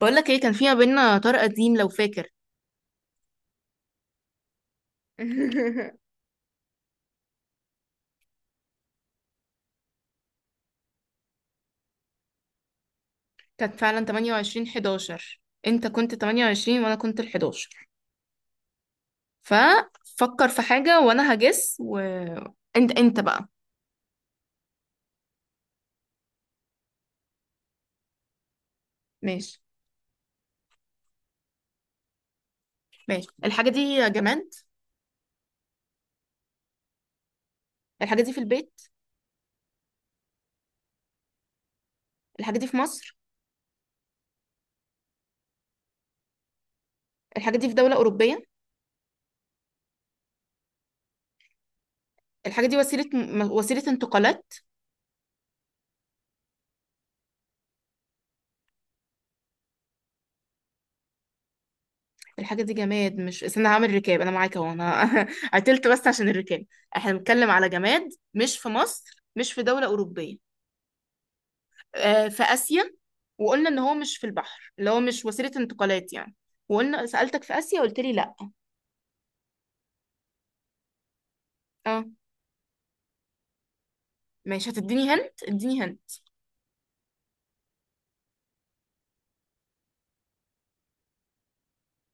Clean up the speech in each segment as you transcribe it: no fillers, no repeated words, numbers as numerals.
بقول لك ايه، كان في ما بيننا طار قديم لو فاكر. كانت فعلا 28، 11. انت كنت 28 وانا كنت ال 11. ففكر في حاجة وانا هجس. و انت بقى. ماشي. ماشي. الحاجة دي جماد. الحاجة دي في البيت. الحاجة دي في مصر. الحاجة دي في دولة أوروبية. الحاجة دي وسيلة انتقالات. الحاجة دي جماد، مش؟ استنى، هعمل ركاب أنا معاك أهو. أنا قتلت بس عشان الركاب. احنا بنتكلم على جماد، مش في مصر، مش في دولة أوروبية. آه، في آسيا. وقلنا ان هو مش في البحر، اللي هو مش وسيلة انتقالات يعني. وقلنا سألتك في آسيا قلت لي لا. اه، ماشي. هتديني هنت؟ اديني هنت.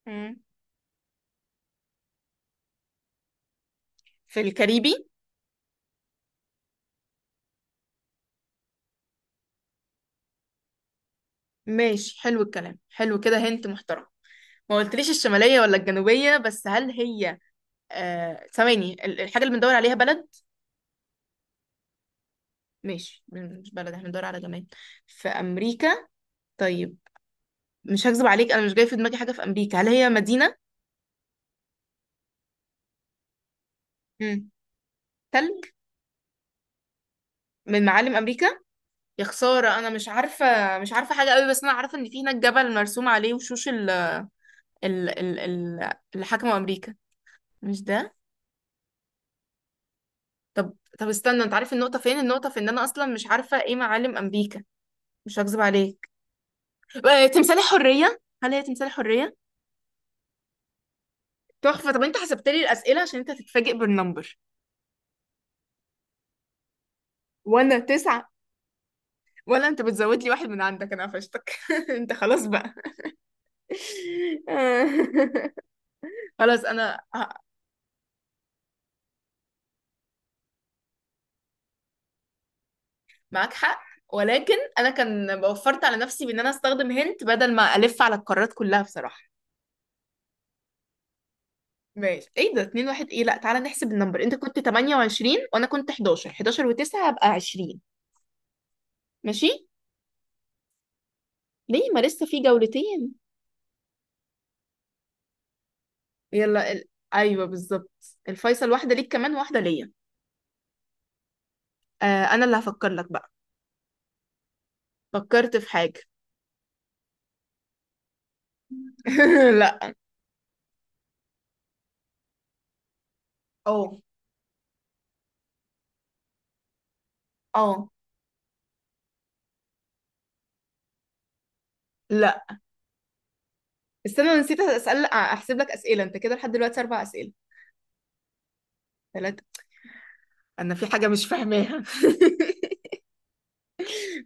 مم. في الكاريبي. ماشي، حلو الكلام، حلو كده. هنت محترم. ما قلتليش الشمالية ولا الجنوبية، بس هل هي... آه، ثواني، الحاجة اللي بندور عليها بلد؟ ماشي، مش بلد، احنا بندور على جماد. في أمريكا. طيب، مش هكذب عليك، انا مش جاي في دماغي حاجة في أمريكا. هل هي مدينة؟ مم. تلج. من معالم أمريكا. يا خسارة أنا مش عارفة، مش عارفة حاجة قوي. بس أنا عارفة إن في هناك جبل مرسوم عليه وشوش ال ال ال ال اللي حكموا أمريكا. مش ده؟ طب طب استنى، أنت عارف النقطة فين؟ النقطة في إن أنا أصلا مش عارفة إيه معالم أمريكا. مش هكذب عليك. آه، تمثال الحرية. هل هي تمثال الحرية؟ تحفة! طب أنت حسبت لي الأسئلة؟ عشان أنت هتتفاجئ بالنمبر. وأنا تسعة. ولا أنت بتزود لي واحد من عندك؟ أنا قفشتك. أنت خلاص بقى. خلاص. أنا معاك حق، ولكن انا كان وفرت على نفسي بان انا استخدم هنت بدل ما الف على القارات كلها بصراحه. ماشي. ايه ده؟ 2-1 ايه؟ لا تعالى نحسب النمبر. انت كنت 28 وانا كنت 11. 11 و9 هبقى 20. ماشي. ليه؟ ما لسه في جولتين. يلا ال... ايوه، بالظبط الفيصل، واحده ليك كمان واحده ليا. آه، انا اللي هفكر لك بقى. فكرت في حاجه. لا. اه. اه. لا. استنى، أنا نسيت اسال، احسب لك اسئله، انت كده لحد دلوقتي اربع اسئله. ثلاثه. انا في حاجه مش فاهماها.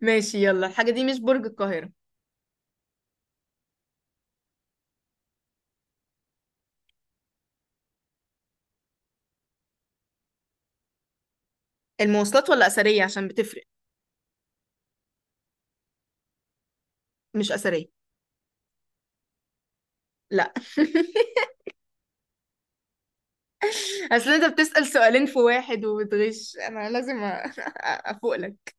ماشي، يلا، الحاجة دي مش برج القاهرة. المواصلات ولا أثرية؟ عشان بتفرق. مش أثرية. لا. أصل أنت بتسأل سؤالين في واحد وبتغش، أنا لازم أفوق لك.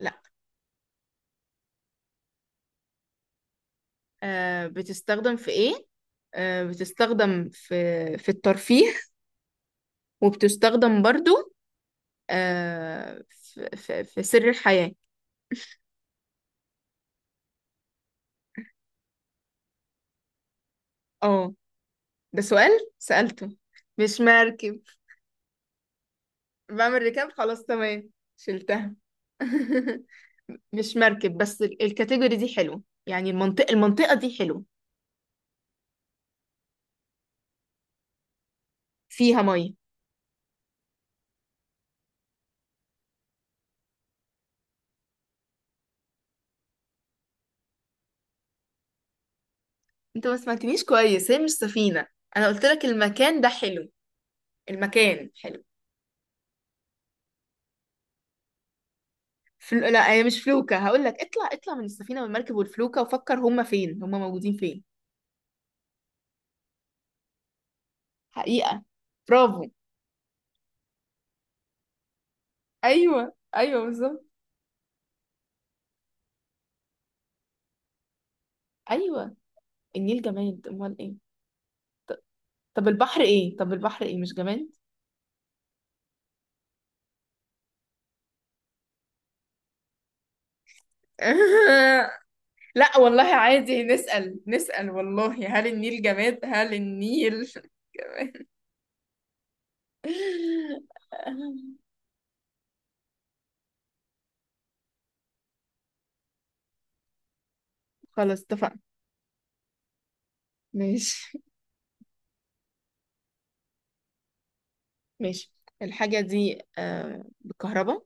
لا. أه بتستخدم في إيه؟ أه بتستخدم في الترفيه، وبتستخدم برضو، أه، في سر الحياة. اه. ده سؤال سألته. مش مركب. بعمل ركاب، خلاص تمام، شلتها. مش مركب، بس الكاتيجوري دي حلو يعني، المنطقة، المنطقة دي حلو. فيها مية. انت ما سمعتنيش كويس، هي مش سفينة. انا قلت لك المكان ده حلو، المكان حلو. لا هي مش فلوكة. هقول لك اطلع، اطلع من السفينة والمركب والفلوكة، وفكر هما فين، هما موجودين فين. حقيقة. برافو. ايوه ايوه بالظبط. ايوه، النيل جماد، امال ايه؟ ط- طب البحر ايه؟ طب البحر ايه؟ مش جماد؟ لا والله عادي نسأل، نسأل والله: هل النيل جماد؟ هل النيل جماد؟ خلاص اتفقنا. ماشي. ماشي. الحاجة دي آه بالكهرباء؟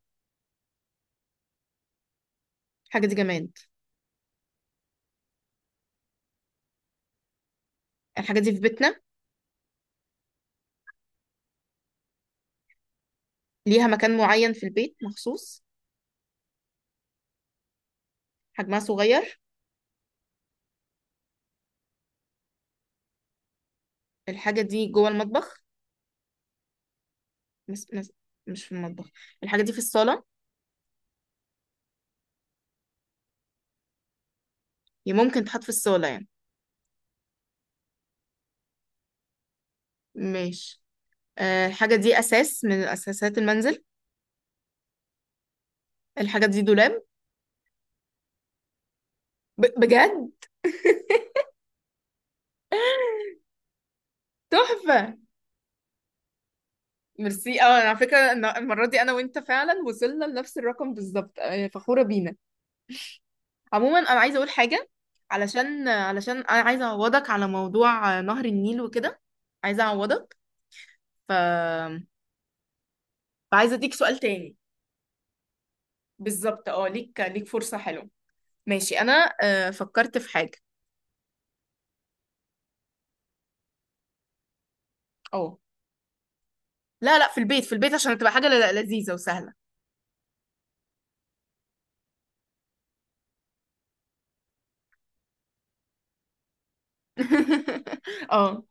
الحاجة دي جماد. الحاجة دي في بيتنا. ليها مكان معين في البيت مخصوص. حجمها صغير. الحاجة دي جوه المطبخ. مس... مس... مش في المطبخ. الحاجة دي في الصالة. هي ممكن تتحط في الصالة يعني. ماشي. آه، الحاجة دي أساس من أساسات المنزل. الحاجة دي دولاب. بجد؟ تحفة. ميرسي. اه، على فكرة، المرة دي انا وانت فعلا وصلنا لنفس الرقم بالظبط. آه، فخورة بينا. عموما انا عايزة اقول حاجة. علشان انا عايزة اعوضك على موضوع آه، نهر النيل وكده. عايزة اعوضك. ف. فعايزة اديك سؤال تاني. بالظبط. اه، ليك، ليك فرصة حلوة. ماشي. انا آه، فكرت في حاجة. اه. لا لا، في البيت، في البيت، عشان تبقى حاجة لذيذة وسهلة. اه.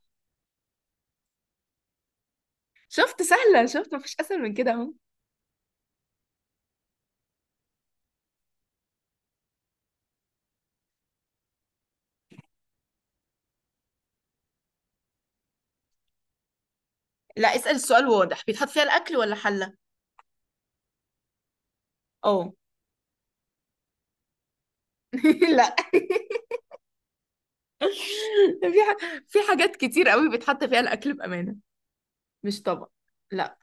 شفت سهلة؟ شفت مفيش اسهل من كده اهو. لا، اسأل السؤال واضح: بيتحط فيها الاكل ولا حلة؟ اه. لا. في ح... في حاجات كتير قوي بيتحط فيها الاكل بامانه. مش طبق. لا.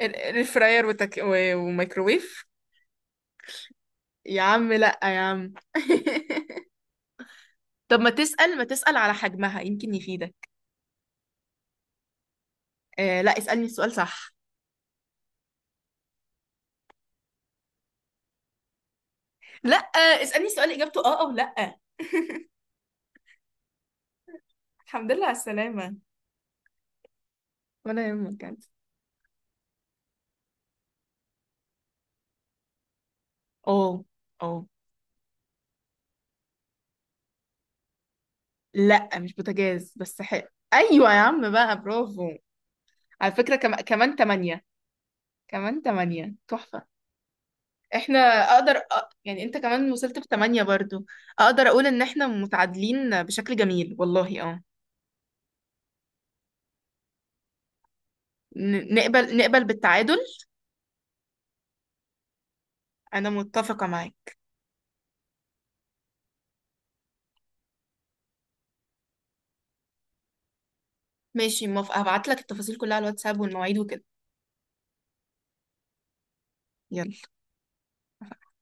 الاير فراير وميكروويف. يا عم لا يا عم. طب ما تسال، ما تسال على حجمها يمكن يفيدك. آه لا، اسألني السؤال صح. لا آه، اسالني سؤال اجابته اه او لا. الحمد لله على السلامه. ولا يهمك، كانت. اه. اه. لا مش بوتاجاز، بس حلو، ايوه يا عم بقى، برافو. على فكرة كمان تمانية. كمان تمانية، تحفة. احنا... اقدر يعني انت كمان وصلت بثمانية برضو. اقدر اقول ان احنا متعادلين بشكل جميل والله. اه. نقبل، نقبل بالتعادل. انا متفقة معاك. ماشي، موافقة، هبعت لك التفاصيل كلها على الواتساب والمواعيد وكده. يلا.